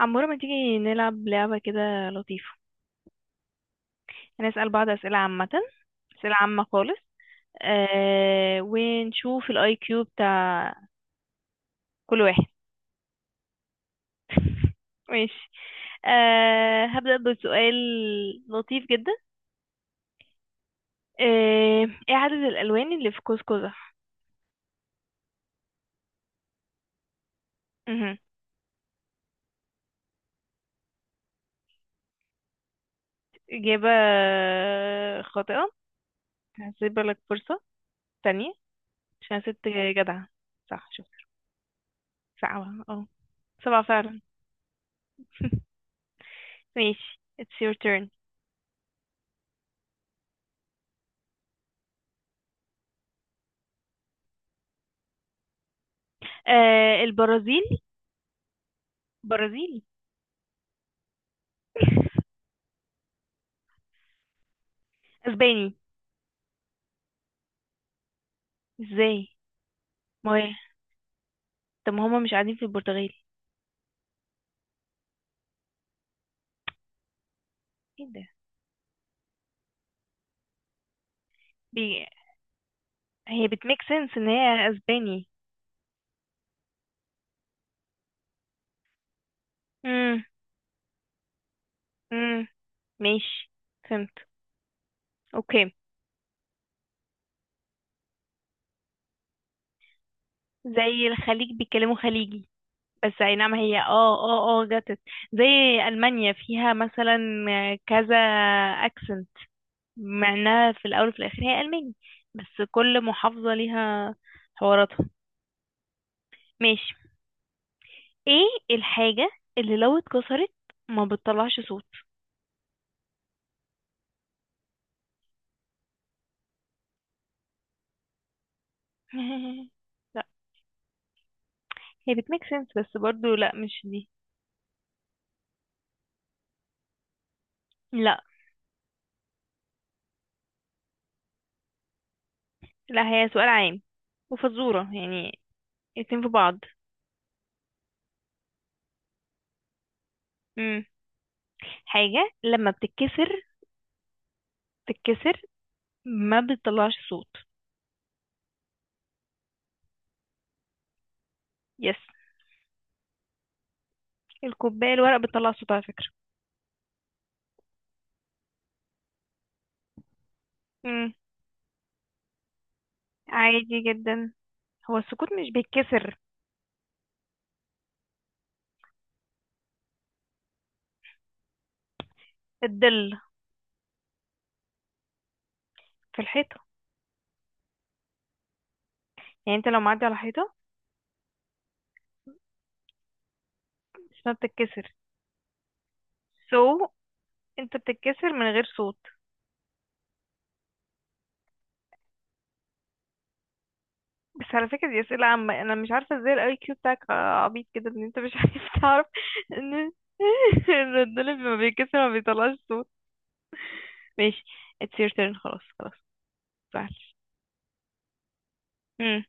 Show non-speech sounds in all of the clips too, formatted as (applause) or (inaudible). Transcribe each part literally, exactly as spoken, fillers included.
عمورة، ما تيجي نلعب لعبة كده لطيفة؟ هنسأل بعض أسئلة عامة. أسئلة عامة خالص. آه ونشوف الاي كيو بتاع كل واحد. (laughs) ماشي. آه هبدأ بسؤال لطيف جدا. آه ايه عدد الألوان اللي في قوس قزح؟ مهم. إجابة خاطئة. هسيب لك فرصة تانية عشان ست جدعة. صح، شوف. سبعة، اه سبعة فعلا. (laughs) ماشي it's your turn. آه البرازيل برازيلي. (laughs) اسباني. ازاي؟ ما هي، طب ما هما مش قاعدين في البرتغال؟ ايه ده؟ بي... هي بتميك سنس ان هي اسباني. امم امم ماشي، فهمت. اوكي. زي الخليج بيتكلموا خليجي. بس اي نعم، هي اه اه اه جاتت زي المانيا، فيها مثلا كذا اكسنت، مع انها في الاول وفي الاخر هي الماني. بس كل محافظة ليها حواراتها. ماشي. ايه الحاجة اللي لو اتكسرت ما بتطلعش صوت؟ (laughs) لا. هي بتميك سنس بس برضو لا، مش دي. لا لا، هي سؤال عام وفزورة يعني، الاتنين في بعض. مم. حاجة لما بتتكسر تتكسر ما بتطلعش صوت. يس. الكوباية الورق بتطلع صوت على فكرة. مم. عادي جدا. هو السكوت مش بيتكسر. الظل. في الحيطة، يعني انت لو معدي على حيطة اسمها بتتكسر. سو انت بتتكسر من غير صوت؟ بس على فكرة دي أسئلة عامة، أنا مش عارفة ازاي الأي كيو بتاعك عبيط كده إن أنت مش (laughs) عارف تعرف إن (laughs) الردان اللي ما بيتكسر ما بيطلعش صوت. ماشي it's your turn، خلاص خلاص. متزعلش. مم.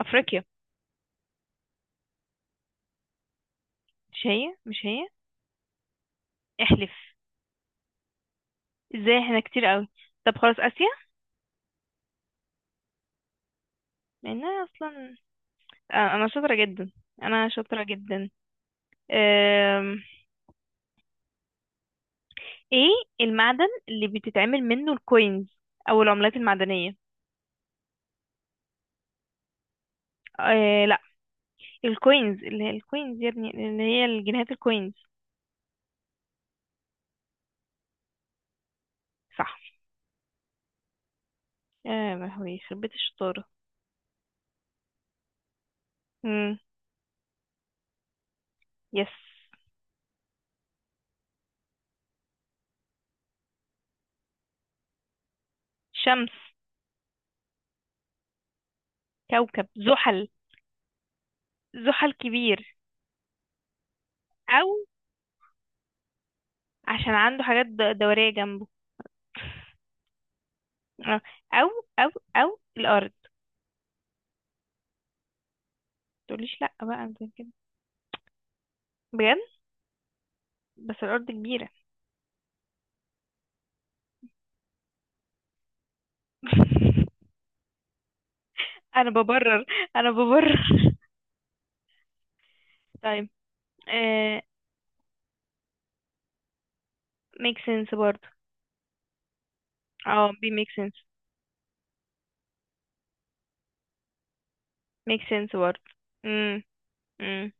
أفريقيا. مش هي، مش هي؟ احلف. ازاي، احنا كتير قوي. طب خلاص، آسيا. لأن أنا أصلا، آه، أنا شاطرة جدا. أنا شاطرة جدا. أم... إيه المعدن اللي بتتعمل منه الكوينز أو العملات المعدنية؟ آه، لا، الكوينز اللي هي الكوينز يا ابني، اللي هي الجنيهات، الكوينز. صح. يا لهوي، يخرب بيت الشطارة. امم. يس. شمس. كوكب زحل. زحل كبير، او عشان عنده حاجات د- دورية جنبه. آه، او او او الارض، تقوليش لا بقى زي كده. بجد، بس الارض كبيرة. (laughs) انا ببرر. انا ببرر. (laughs) طيب. آه. ميك سنس برضه. اه بي ميك سنس. ميك سنس برضه. امم. امم.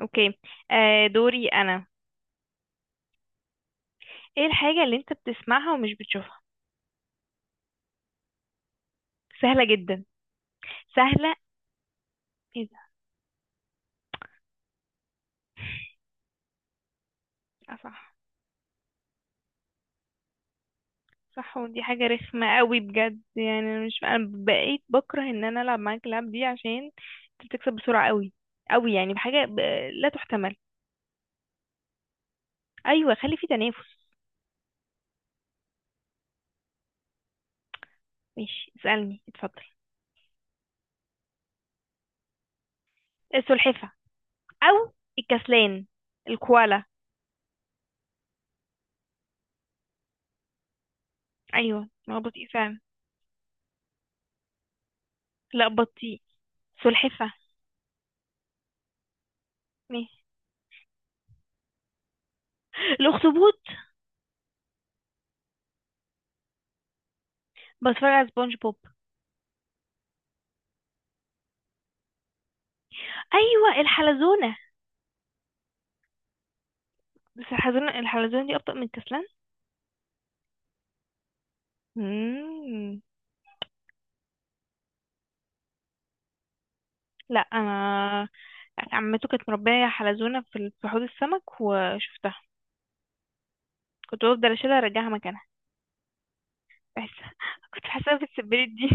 اوكي. آه دوري انا. ايه الحاجة اللي انت بتسمعها ومش بتشوفها؟ سهلة جدا. سهلة. ايه ده؟ اه صح. صح، ودي حاجة رخمة قوي بجد، يعني انا مش، انا بقيت بكره ان انا العب معاك اللعب دي عشان انت بتكسب بسرعة قوي قوي، يعني بحاجة ب... لا تحتمل. ايوه، خلي في تنافس. ماشي اسألني، اتفضل. السلحفة، او الكسلان، الكوالا. ايوه، ما هو بطيء فعلا. لا بطيء. سلحفة. ماشي. الاخطبوط. بتفرج على سبونج بوب. ايوه، الحلزونة. بس الحلزون الحلزون دي أبطأ من الكسلان. مم. لا أنا، عمته كانت مربية حلزونة في ال- في حوض السمك وشفتها. كنت بفضل أشيلها أرجعها مكانها. بحس (laughs) كنت حاسة بتسبلت دي.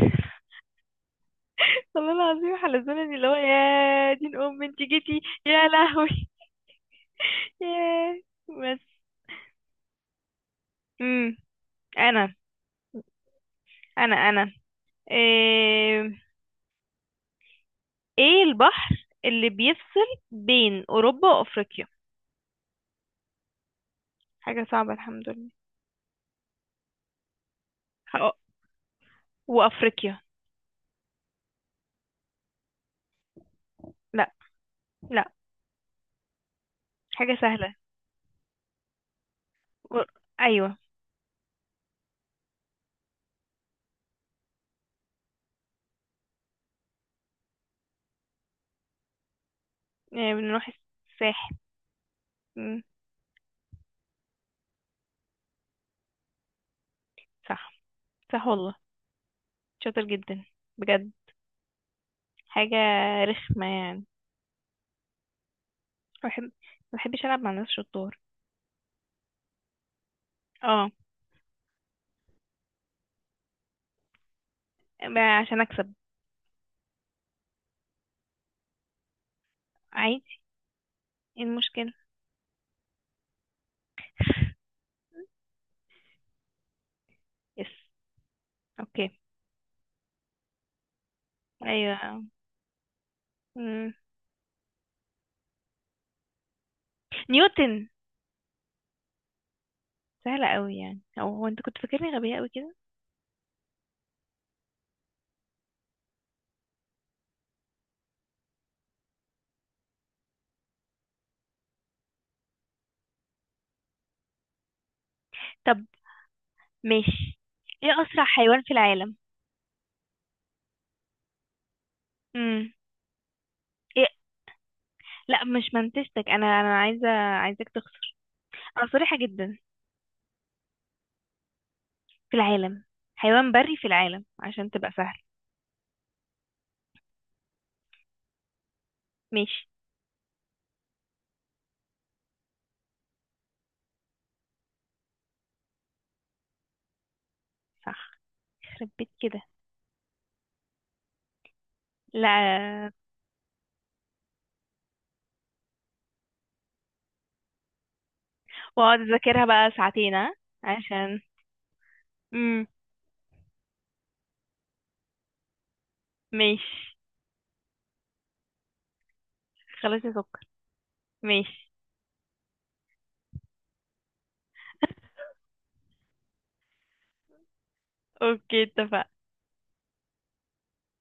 (laughs) والله العظيم حلزونة دي اللي هو يا دين أم انت جيتي. يا لهوي (laughs) يا بس. مم. أنا أنا أنا. إيه... إيه البحر اللي بيفصل بين أوروبا وأفريقيا؟ حاجة صعبة الحمد لله. هقول- وأفريقيا. لا لا، حاجة سهلة. و- أيوة. يعني بنروح الساحل. مم، صح. صح والله. شاطر جدا بجد. حاجة رخمة يعني. ما بحب ما بحبش ألعب مع ناس شطار. اه. ب- عشان أكسب. عادي. ايه المشكلة. يس اوكي. أيوة. مم. نيوتن. سهلة أوي يعني، أو هو أنت كنت فاكرني غبية أوي كده. طب ماشي. ايه أسرع حيوان في العالم؟ مم. إيه؟ لا مش منتشتك، انا انا عايزه، عايزاك تخسر. انا صريحه جدا. في العالم، حيوان بري في العالم عشان تبقى سهل. ماشي. صح، يخرب بيت كده. لا. واقعد اذاكرها بقى ساعتين ها. عشان امم ماشي. خلاص يا سكر. ماشي. (laughs) اوكي اتفقنا.